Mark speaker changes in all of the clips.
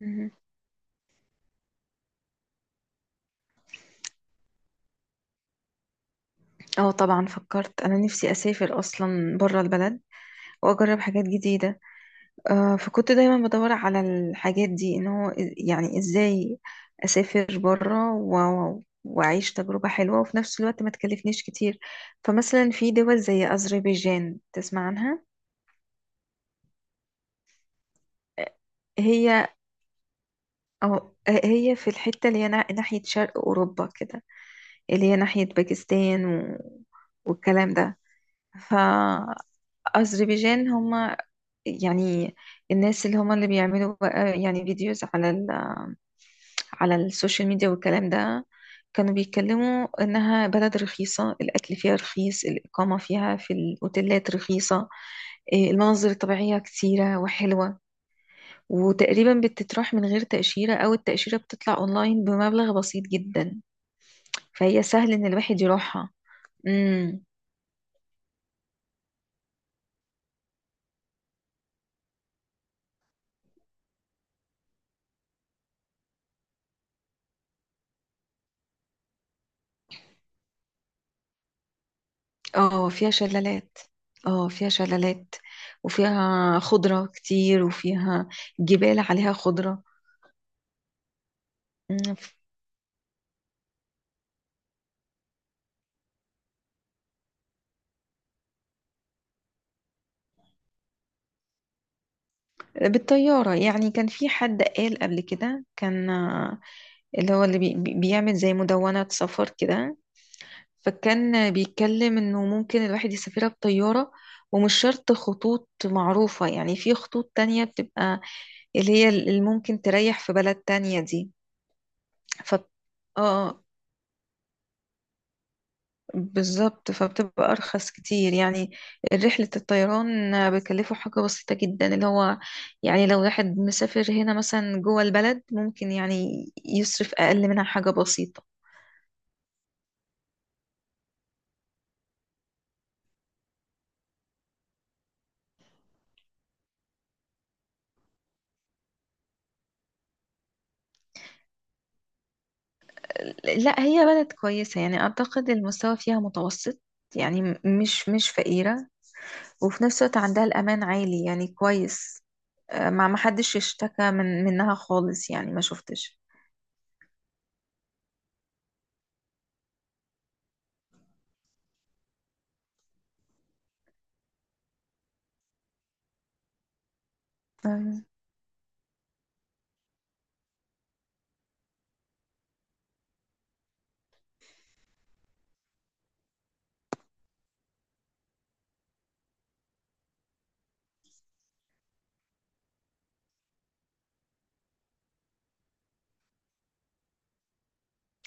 Speaker 1: مهم. اه طبعا، فكرت انا نفسي اسافر اصلا بره البلد واجرب حاجات جديده. فكنت دايما بدور على الحاجات دي ان هو يعني ازاي اسافر بره واعيش تجربه حلوه، وفي نفس الوقت ما تكلفنيش كتير. فمثلا في دول زي اذربيجان تسمع عنها، هي أو هي في الحته اللي هي ناحيه شرق اوروبا كده، اللي هي ناحيه باكستان والكلام ده. فأذربيجان، هم يعني الناس اللي هما اللي بيعملوا بقى يعني فيديوز على السوشيال ميديا والكلام ده. كانوا بيتكلموا إنها بلد رخيصة، الأكل فيها رخيص، الإقامة فيها في الأوتيلات رخيصة، المناظر الطبيعية كتيرة وحلوة، وتقريبا بتتراح من غير تأشيرة أو التأشيرة بتطلع أونلاين بمبلغ بسيط جدا، فهي سهل إن الواحد يروحها. مم. اه، فيها شلالات. اه، فيها شلالات، وفيها خضرة كتير، وفيها جبال عليها خضرة. مم. بالطيارة، يعني كان في حد قال قبل كده كان اللي هو اللي بيعمل زي مدونة سفر كده. فكان بيتكلم انه ممكن الواحد يسافرها بطيارة، ومش شرط خطوط معروفة، يعني في خطوط تانية بتبقى اللي هي اللي ممكن تريح في بلد تانية دي. ف اه آه. بالظبط، فبتبقى أرخص كتير يعني. رحلة الطيران بيكلفوا حاجة بسيطة جدا، اللي هو يعني لو واحد مسافر هنا مثلا جوه البلد، ممكن يعني يصرف أقل منها حاجة بسيطة. لا، هي بلد كويسة، يعني أعتقد المستوى فيها متوسط، يعني مش فقيرة، وفي نفس الوقت عندها الأمان عالي يعني كويس. ما حدش يشتكى منها خالص يعني، ما شفتش. أيوة،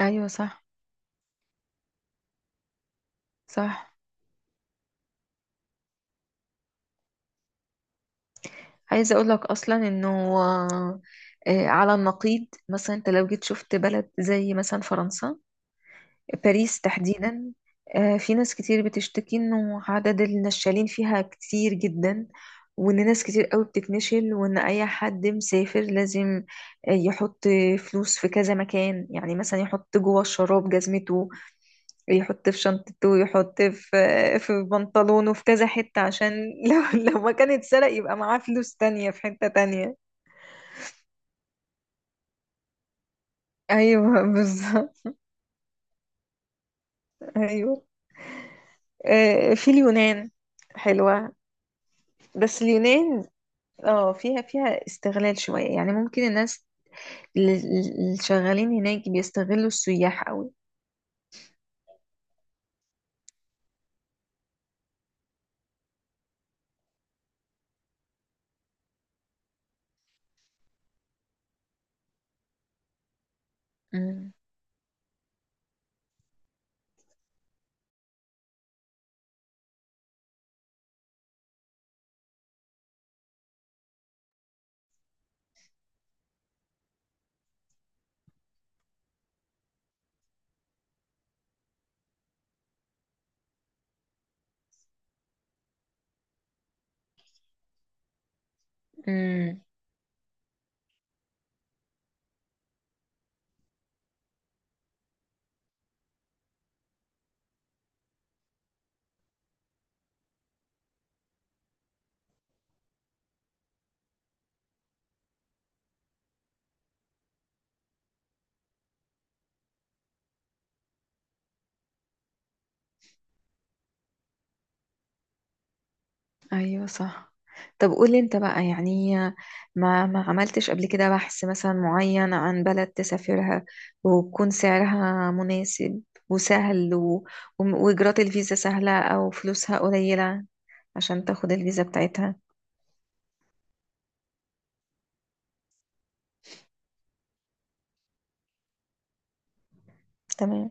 Speaker 1: أيوة، صح، صح. عايزة اقول لك اصلا انه، آه، على النقيض مثلا، انت لو جيت شفت بلد زي مثلا فرنسا، باريس تحديدا. في ناس كتير بتشتكي انه عدد النشالين فيها كتير جدا، وان ناس كتير قوي بتتنشل، وان اي حد مسافر لازم يحط فلوس في كذا مكان، يعني مثلا يحط جوه الشراب جزمته، يحط في شنطته ويحط في بنطلونه، في كذا حتة عشان لو ما كان اتسرق يبقى معاه فلوس تانية في حتة تانية. ايوه، بالظبط. ايوه. في اليونان حلوة. بس اليونان اه فيها استغلال شوية، يعني ممكن الناس اللي شغالين هناك بيستغلوا السياح قوي. امم. ايوه، صح. طب، قولي انت بقى، يعني ما عملتش قبل كده بحث مثلا معين عن بلد تسافرها، وتكون سعرها مناسب وسهل، واجراءات الفيزا سهلة او فلوسها قليلة عشان تاخد الفيزا بتاعتها؟ تمام.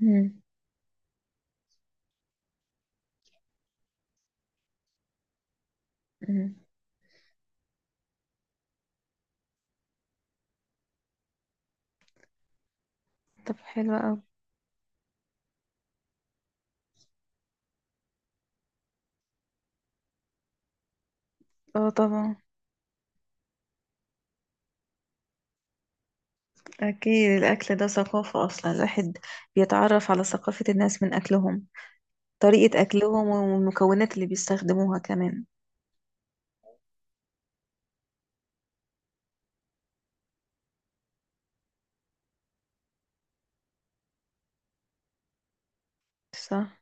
Speaker 1: مم. مم. طب، حلو قوي. اه طبعا. اكيد الاكل ده ثقافة، اصلا الواحد بيتعرف على ثقافة الناس من اكلهم، طريقة اكلهم والمكونات اللي بيستخدموها كمان. صح.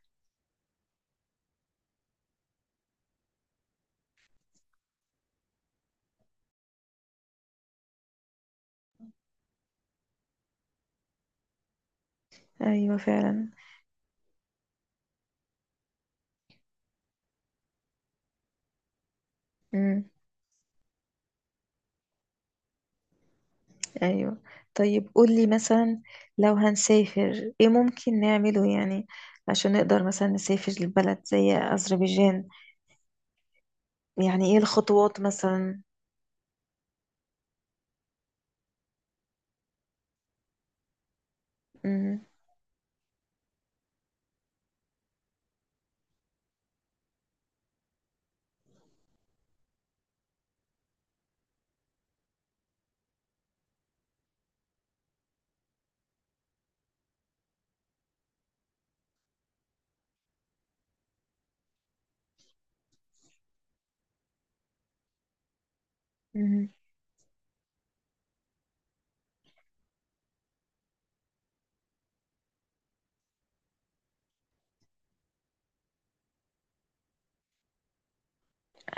Speaker 1: ايوه، فعلا. امم. ايوه. طيب، قولي مثلا، لو هنسافر ايه ممكن نعمله، يعني عشان نقدر مثلا نسافر لبلد زي أذربيجان، يعني ايه الخطوات مثلا؟ امم. امم.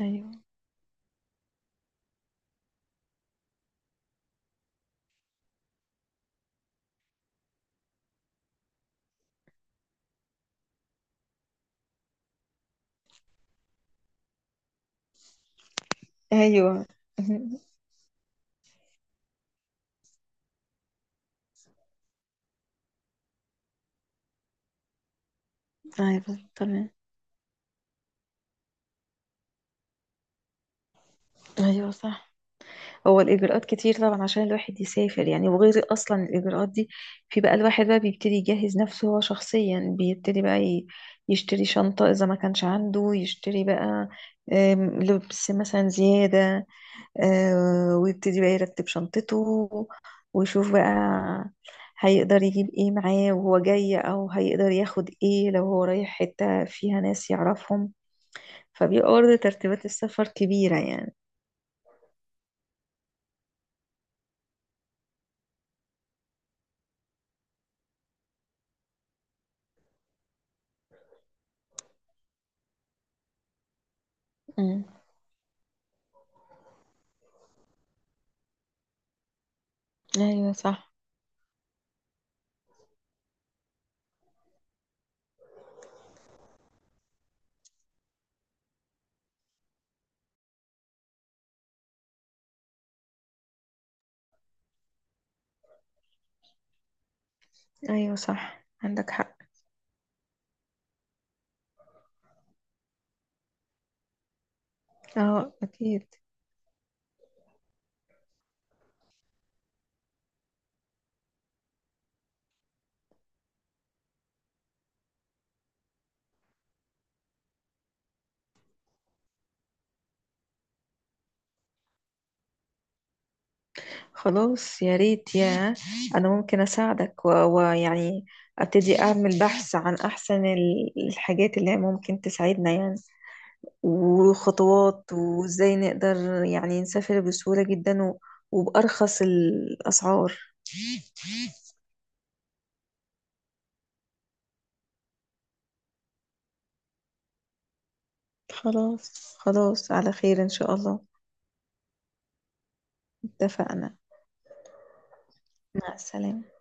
Speaker 1: ايوه. ايوه. ايوه. تمام. ايوه، صح. هو الإجراءات كتير طبعا عشان الواحد يسافر، يعني وغير أصلا الإجراءات دي، في بقى الواحد بقى بيبتدي يجهز نفسه، هو شخصيا بيبتدي بقى يشتري شنطة إذا ما كانش عنده، يشتري بقى لبس مثلا زيادة، ويبتدي بقى يرتب شنطته، ويشوف بقى هيقدر يجيب ايه معاه وهو جاي، أو هيقدر ياخد ايه لو هو رايح حتة فيها ناس يعرفهم. فبيبقى برضه ترتيبات السفر كبيرة يعني. مم. أيوة، صح. ايوه، صح، عندك حق. اه، اكيد. خلاص، يا ريت. انا ممكن اساعدك، ويعني ابتدي اعمل بحث عن احسن الحاجات اللي هي ممكن تساعدنا يعني، وخطوات وازاي نقدر يعني نسافر بسهولة جدا، وبأرخص الأسعار. خلاص، خلاص. على خير إن شاء الله. اتفقنا. مع السلامة.